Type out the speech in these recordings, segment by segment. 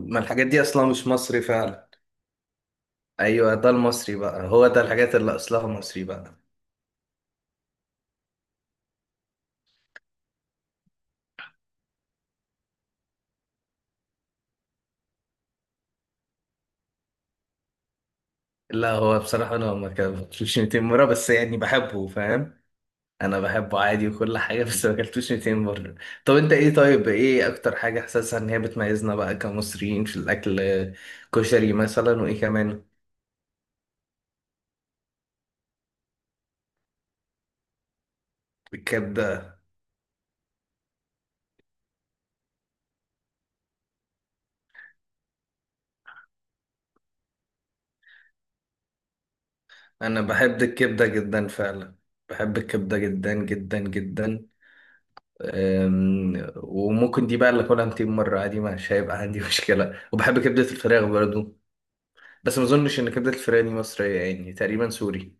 ما الحاجات دي اصلا مش مصري فعلا. ايوه ده المصري بقى، هو ده الحاجات اللي اصلها مصري بقى. لا هو بصراحه انا ما اكلتوش 200 مره، بس يعني بحبه فاهم. انا بحبه عادي وكل حاجه بس ما اكلتوش 200 مره. طب انت ايه، طيب ايه اكتر حاجه حاسسها ان هي بتميزنا بقى كمصريين في الاكل؟ كشري مثلا، وايه كمان؟ الكبده. انا بحب الكبده جدا فعلا. بحب الكبده جدا جدا جدا. وممكن دي بقى اللي اكلها 200 مره عادي، مش هيبقى عندي مشكله. وبحب كبده الفراخ برضو، بس ما اظنش ان كبده الفراخ دي مصريه، يعني تقريبا سوري.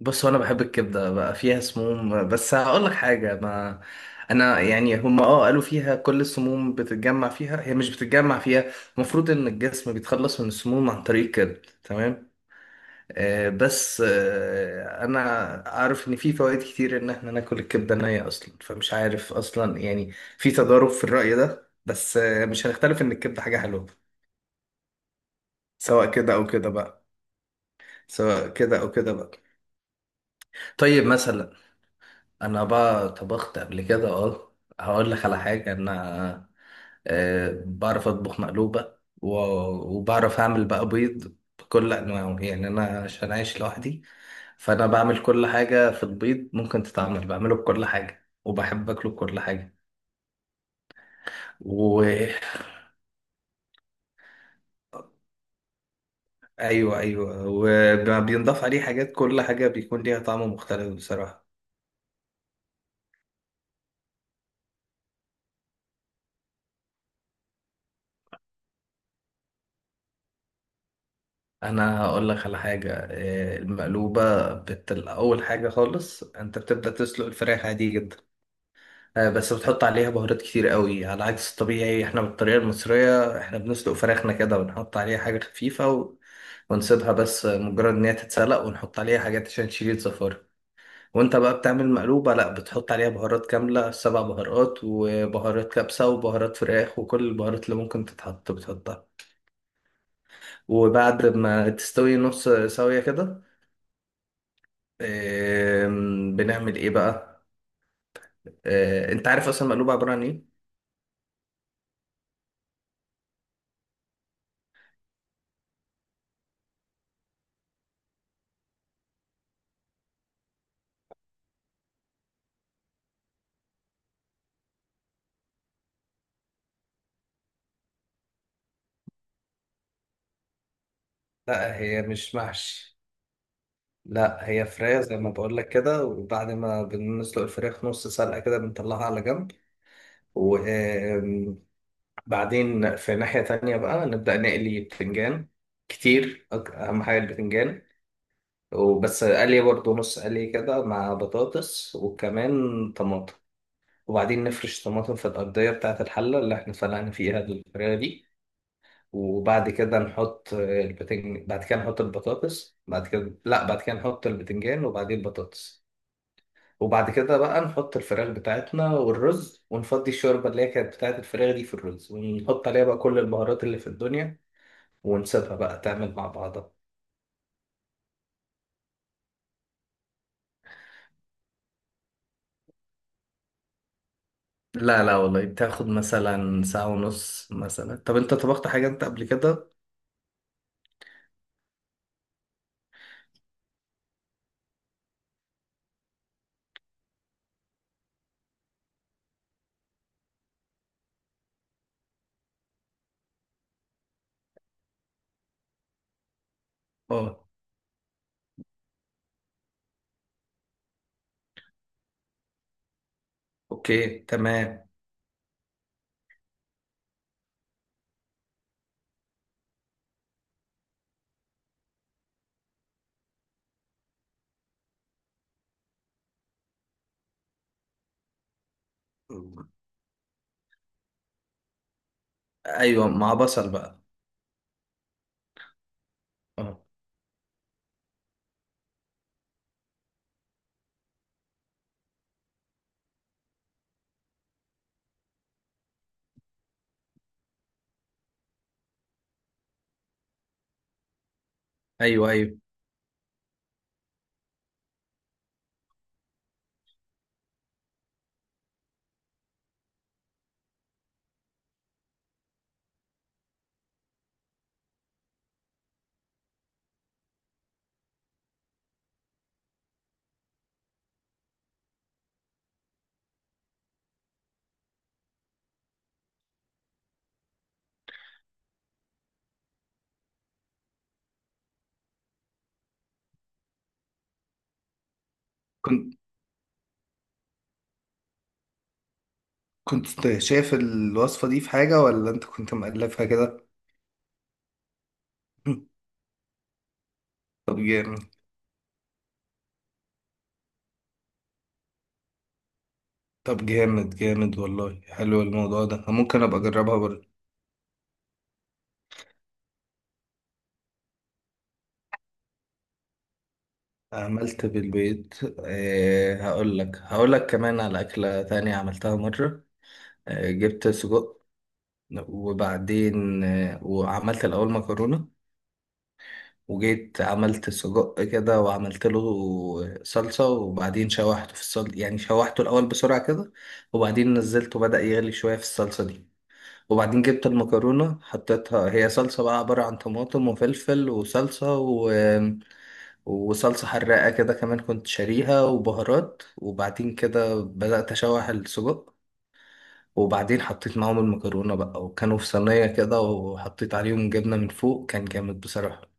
بص هو انا بحب الكبده بقى فيها سموم، بس هقول لك حاجه. ما انا يعني هم اه قالوا فيها كل السموم بتتجمع فيها، هي مش بتتجمع فيها. المفروض ان الجسم بيتخلص من السموم عن طريق الكبد، تمام؟ بس انا عارف ان في فوائد كتير ان احنا ناكل الكبده نيه اصلا، فمش عارف اصلا يعني. في تضارب في الراي ده، بس مش هنختلف ان الكبده حاجه حلوه، سواء كده او كده بقى. سواء كده او كده بقى. طيب مثلا، انا بقى طبخت قبل كده اه. هقول لك على حاجه انا. بعرف اطبخ مقلوبه و- وبعرف اعمل بقى بيض بكل انواعه، يعني انا عشان عايش لوحدي فانا بعمل كل حاجه في البيض ممكن تتعمل، بعمله بكل حاجه وبحب اكله بكل حاجه. وايوه، ايوه وبينضاف عليه حاجات، كل حاجه بيكون ليها طعم مختلف بصراحه. انا هقول لك على حاجه، المقلوبه اول حاجه خالص انت بتبدا تسلق الفراخ عادي جدا. بس بتحط عليها بهارات كتير قوي، على عكس الطبيعي. احنا بالطريقه المصريه احنا بنسلق فراخنا كده ونحط عليها حاجه خفيفه ونسيبها بس مجرد ان هي تتسلق، ونحط عليها حاجات عشان تشيل الزفاره. وانت بقى بتعمل مقلوبه لا، بتحط عليها بهارات كامله، سبع بهارات وبهارات كبسه وبهارات فراخ وكل البهارات اللي ممكن تتحط بتحطها. وبعد ما تستوي نص سوية كده، بنعمل ايه بقى؟ انت عارف اصلا المقلوبه عباره عن ايه؟ لا هي مش محشي، لا هي فراخ زي ما بقول لك كده. وبعد ما بنسلق الفراخ نص سلقة كده بنطلعها على جنب. وبعدين في ناحية تانية بقى نبدأ نقلي بتنجان كتير، أهم حاجة البتنجان. وبس قلي برضه نص قلي كده مع بطاطس وكمان طماطم. وبعدين نفرش طماطم في الأرضية بتاعة الحلة اللي احنا سلقنا فيها الفراخ دي. وبعد كده نحط البتنج، بعد كده نحط البطاطس، بعد كده لا، بعد كده نحط البتنجان وبعدين البطاطس. وبعد كده بقى نحط الفراخ بتاعتنا والرز، ونفضي الشوربة اللي هي كانت بتاعت الفراخ دي في الرز، ونحط عليها بقى كل البهارات اللي في الدنيا، ونسيبها بقى تعمل مع بعضها. لا لا والله بتاخد مثلا ساعة ونص مثلا. طب انت طبخت حاجة انت قبل كده؟ اه. اوكي تمام. ايوه مع بصل بقى. اه. ايوه ايوه. كنت كنت شايف الوصفة دي في حاجة، ولا انت كنت مألفها كده؟ طب جامد. طب جامد جامد والله، حلو الموضوع ده، ممكن ابقى اجربها برضه. عملت بالبيت. أه هقول لك، هقول لك كمان على أكلة تانية عملتها مرة. أه جبت سجق، وبعدين أه وعملت الأول مكرونة، وجيت عملت سجق كده وعملت له صلصة، وبعدين شوحته في الصلصة، يعني شوحته الأول بسرعة كده، وبعدين نزلته بدأ يغلي شوية في الصلصة دي. وبعدين جبت المكرونة حطيتها، هي صلصة بقى عبارة عن طماطم وفلفل وصلصة وصلصة حراقة كده كمان كنت شاريها، وبهارات. وبعدين كده بدأت أشوح السجق، وبعدين حطيت معاهم المكرونة بقى، وكانوا في صينية كده، وحطيت عليهم جبنة من فوق. كان جامد بصراحة.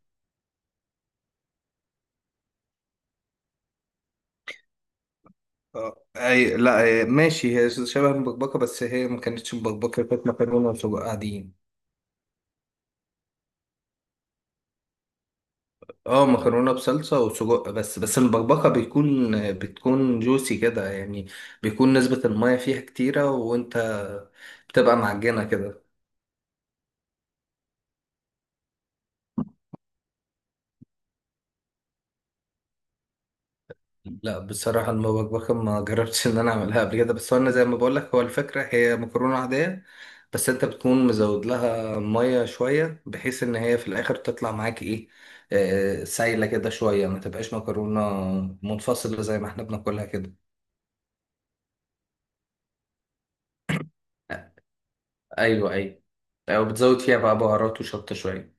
آه، اي لا أي ماشي، هي شبه المبكبكه، بس هي ما كانتش مبكبكه، كانت مكرونه وسجق عاديين. اه مكرونه بصلصه وسجق بس. المبكبكه بتكون جوسي كده يعني، بيكون نسبه الميه فيها كتيره، وانت بتبقى معجنه كده. لا بصراحه المبكبكه ما جربتش ان انا اعملها قبل كده، بس هو انا زي ما بقول لك، هو الفكره هي مكرونه عاديه، بس انت بتكون مزود لها ميه شويه، بحيث ان هي في الاخر تطلع معاك ايه، سايله كده شويه، ما تبقاش مكرونه منفصله زي ما احنا بناكلها كده. ايوه ايوه، او بتزود فيها بقى بهارات وشطه شويه.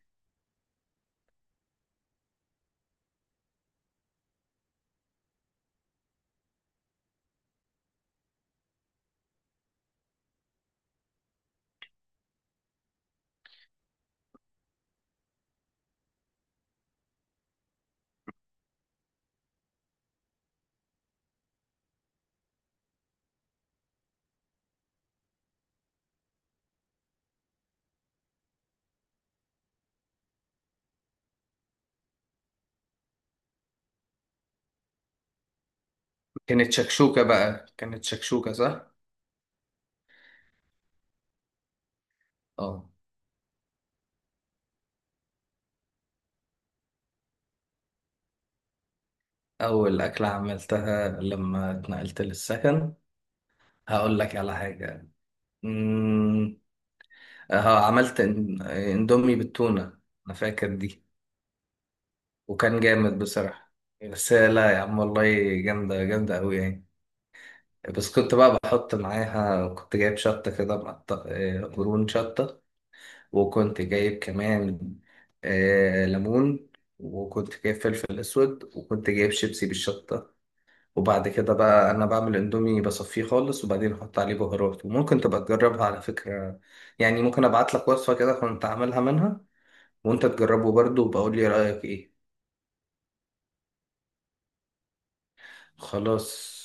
كانت شكشوكة بقى، كانت شكشوكة صح؟ اه. أول أكلة عملتها لما اتنقلت للسكن، هقول لك على حاجة. أمم، اه عملت اندومي بالتونة، أنا فاكر دي. وكان جامد بصراحة، بس لا يا عم والله، جامدة جامدة أوي يعني. بس كنت بقى بحط معاها، كنت جايب شطة كده مقطع، قرون شطة، وكنت جايب كمان ليمون، وكنت جايب فلفل أسود، وكنت جايب شيبسي بالشطة. وبعد كده بقى انا بعمل اندومي بصفيه خالص، وبعدين احط عليه بهارات. وممكن تبقى تجربها على فكرة، يعني ممكن ابعت لك وصفة كده كنت عاملها منها، وانت تجربه برضه وبقول لي رأيك ايه. خلاص،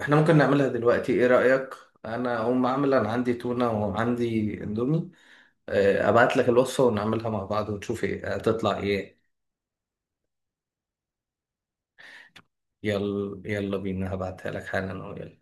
احنا ممكن نعملها دلوقتي، ايه رأيك؟ انا اقوم اعمل، انا عندي تونة وعندي اندومي، ابعت لك الوصفة ونعملها مع بعض ونشوف ايه هتطلع ايه. يلا يلا بينا، هبعتها لك حالا أهو، يلا.